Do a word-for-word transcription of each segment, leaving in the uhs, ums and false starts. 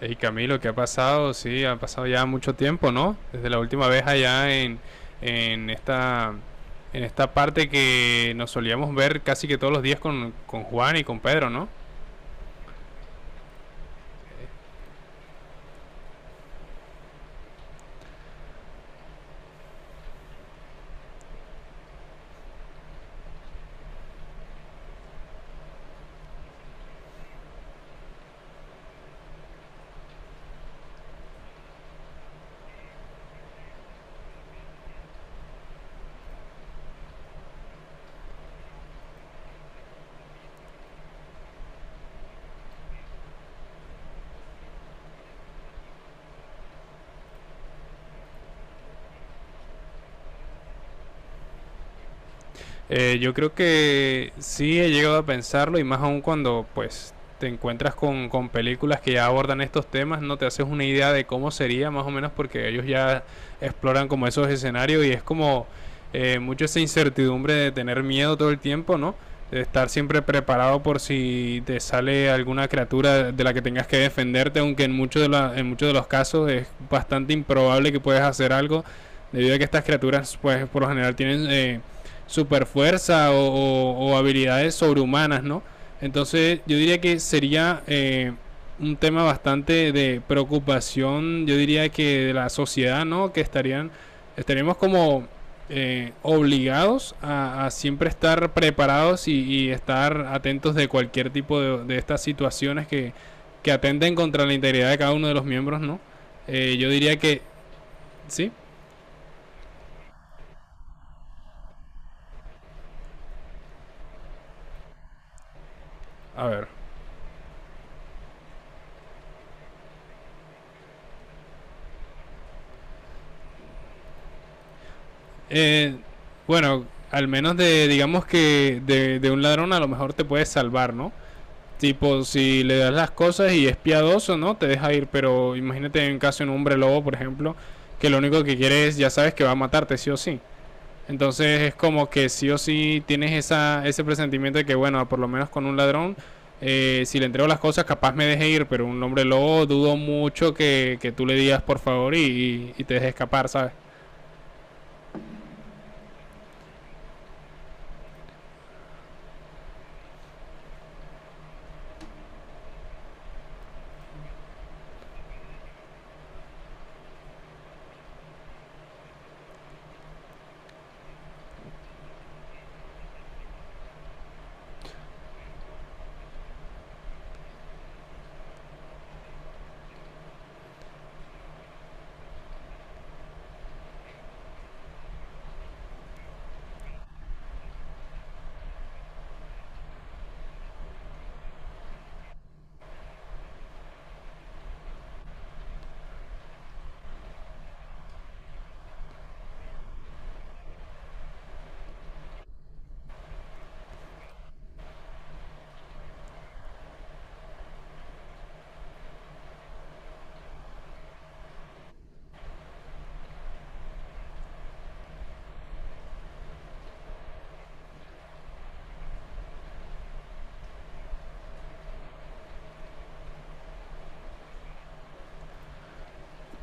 Hey Camilo, ¿qué ha pasado? Sí, ha pasado ya mucho tiempo, ¿no? Desde la última vez allá en, en esta en esta parte que nos solíamos ver casi que todos los días con, con Juan y con Pedro, ¿no? Eh, yo creo que sí he llegado a pensarlo, y más aún cuando pues te encuentras con, con películas que ya abordan estos temas. No te haces una idea de cómo sería más o menos porque ellos ya exploran como esos escenarios, y es como eh, mucho esa incertidumbre de tener miedo todo el tiempo, ¿no? De estar siempre preparado por si te sale alguna criatura de la que tengas que defenderte, aunque en muchos de, la- en muchos de los casos es bastante improbable que puedas hacer algo, debido a que estas criaturas pues por lo general tienen eh, super fuerza o, o- o habilidades sobrehumanas, ¿no? Entonces yo diría que sería eh, un tema bastante de preocupación, yo diría que de la sociedad, ¿no? Que estarían, estaríamos como eh, obligados a, a siempre estar preparados, y, y estar atentos de cualquier tipo de, de estas situaciones que, que atenten contra la integridad de cada uno de los miembros, ¿no? Eh, yo diría que, sí, a ver. Eh, bueno, al menos de, digamos que de, de un ladrón a lo mejor te puedes salvar, ¿no? Tipo, si le das las cosas y es piadoso, ¿no? Te deja ir, pero imagínate en caso de un hombre lobo, por ejemplo, que lo único que quiere es, ya sabes que va a matarte, sí o sí. Entonces es como que sí o sí tienes esa, ese presentimiento de que, bueno, por lo menos con un ladrón, eh, si le entrego las cosas, capaz me deje ir, pero un hombre lobo dudo mucho que, que tú le digas por favor y, y- y te deje escapar, ¿sabes?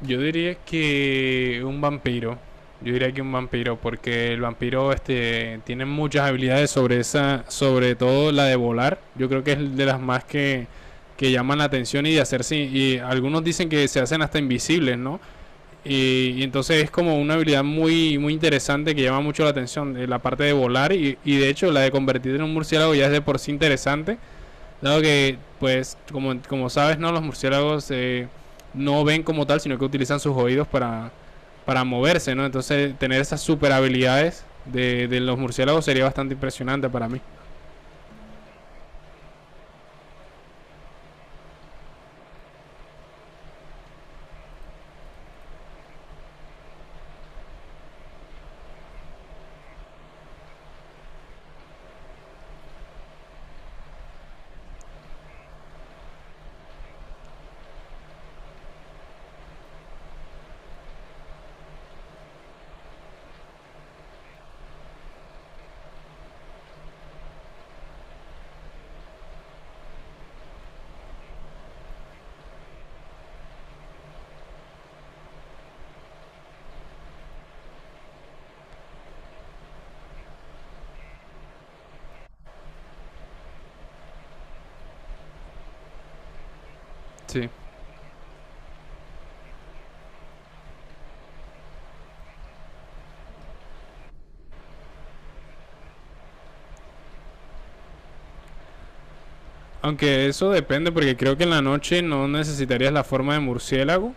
Yo diría que un vampiro. Yo diría que un vampiro, porque el vampiro este tiene muchas habilidades sobre esa, sobre todo la de volar. Yo creo que es de las más que, que llaman la atención, y de hacerse. Y algunos dicen que se hacen hasta invisibles, ¿no? Y, y entonces es como una habilidad muy, muy interesante que llama mucho la atención, eh, la parte de volar, y, y de hecho la de convertirte en un murciélago ya es de por sí interesante. Dado que, pues, como, como sabes, ¿no? Los murciélagos eh, no ven como tal, sino que utilizan sus oídos para, para moverse, ¿no? Entonces, tener esas super habilidades de, de los murciélagos sería bastante impresionante para mí. Sí. Aunque eso depende, porque creo que en la noche no necesitarías la forma de murciélago.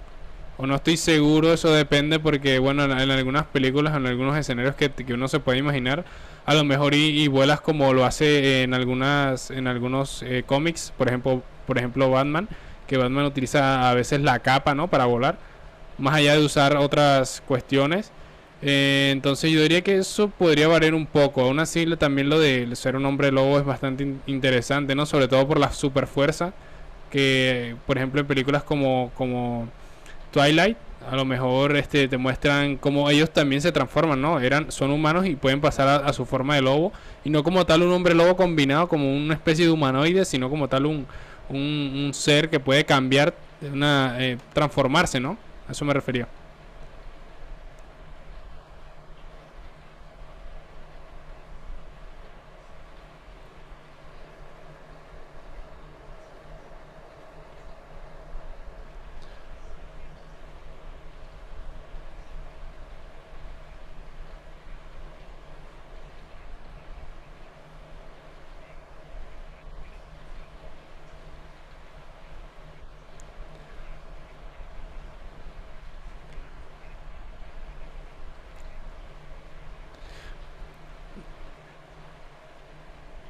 O no estoy seguro, eso depende porque, bueno, en, en algunas películas, en algunos escenarios que, que uno se puede imaginar, a lo mejor y, y vuelas como lo hace en algunas en algunos eh, cómics, por ejemplo, por ejemplo Batman, que Batman utiliza a veces la capa, ¿no? Para volar, más allá de usar otras cuestiones. Eh, entonces yo diría que eso podría variar un poco. Aún así, también lo de ser un hombre lobo es bastante in- interesante, ¿no? Sobre todo por la superfuerza que, por ejemplo, en películas como, como Twilight, a lo mejor este, te muestran cómo ellos también se transforman, ¿no? Eran, son humanos y pueden pasar a, a su forma de lobo. Y no como tal un hombre lobo combinado, como una especie de humanoide, sino como tal un, un, un ser que puede cambiar, una, eh, transformarse, ¿no? A eso me refería.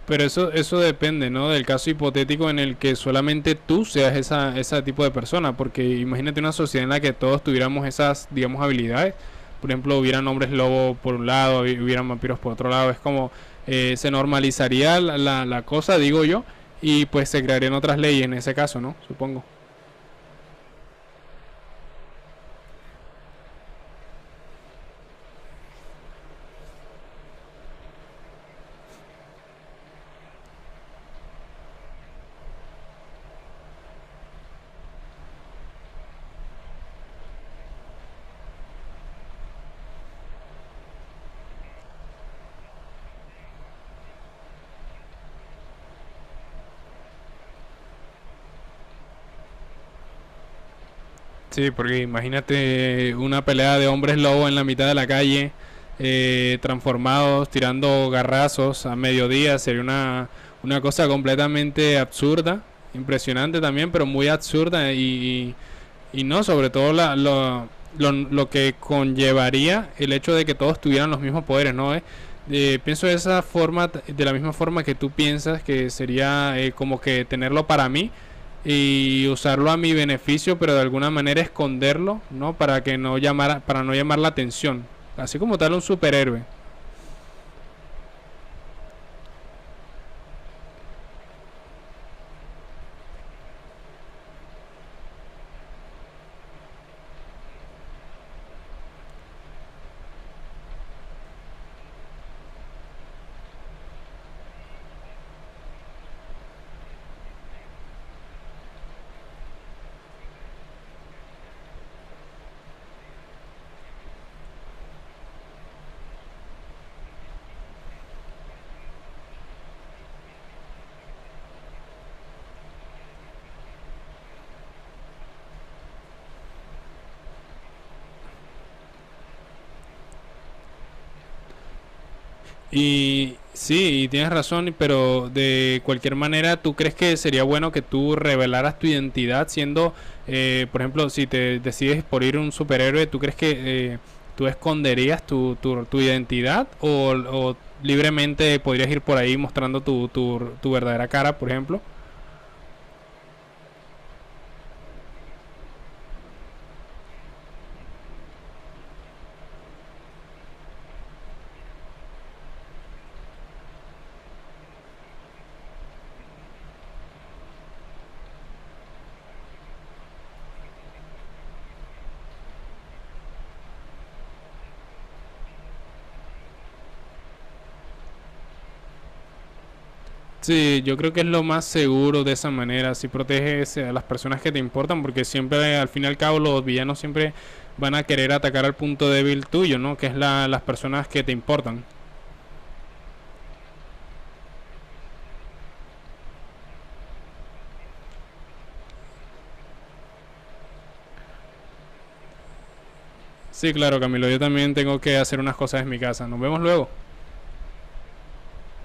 Pero eso, eso depende, ¿no? Del caso hipotético en el que solamente tú seas esa, ese tipo de persona. Porque imagínate una sociedad en la que todos tuviéramos esas, digamos, habilidades. Por ejemplo, hubieran hombres lobo por un lado, hubieran vampiros por otro lado. Es como eh, se normalizaría la, la, la cosa, digo yo, y pues se crearían otras leyes en ese caso, ¿no? Supongo. Sí, porque imagínate una pelea de hombres lobo en la mitad de la calle, eh, transformados, tirando garrazos a mediodía, sería una, una cosa completamente absurda, impresionante también, pero muy absurda, y, y no, sobre todo la, lo, lo, lo que conllevaría el hecho de que todos tuvieran los mismos poderes, ¿no? Eh, eh, pienso de esa forma, de la misma forma que tú piensas, que sería eh, como que tenerlo para mí y usarlo a mi beneficio, pero de alguna manera esconderlo, ¿no? Para que no llamara, para no llamar la atención. Así como tal un superhéroe. Y sí, y tienes razón, pero de cualquier manera, ¿tú crees que sería bueno que tú revelaras tu identidad siendo, eh, por ejemplo, si te decides por ir un superhéroe? ¿Tú crees que eh, tú esconderías tu, tu, tu identidad, o, o libremente podrías ir por ahí mostrando tu, tu, tu verdadera cara, por ejemplo? Sí, yo creo que es lo más seguro de esa manera. Si proteges a las personas que te importan, porque siempre, al fin y al cabo, los villanos siempre van a querer atacar al punto débil tuyo, ¿no? Que es la, las personas que te importan. Sí, claro, Camilo, yo también tengo que hacer unas cosas en mi casa. Nos vemos luego.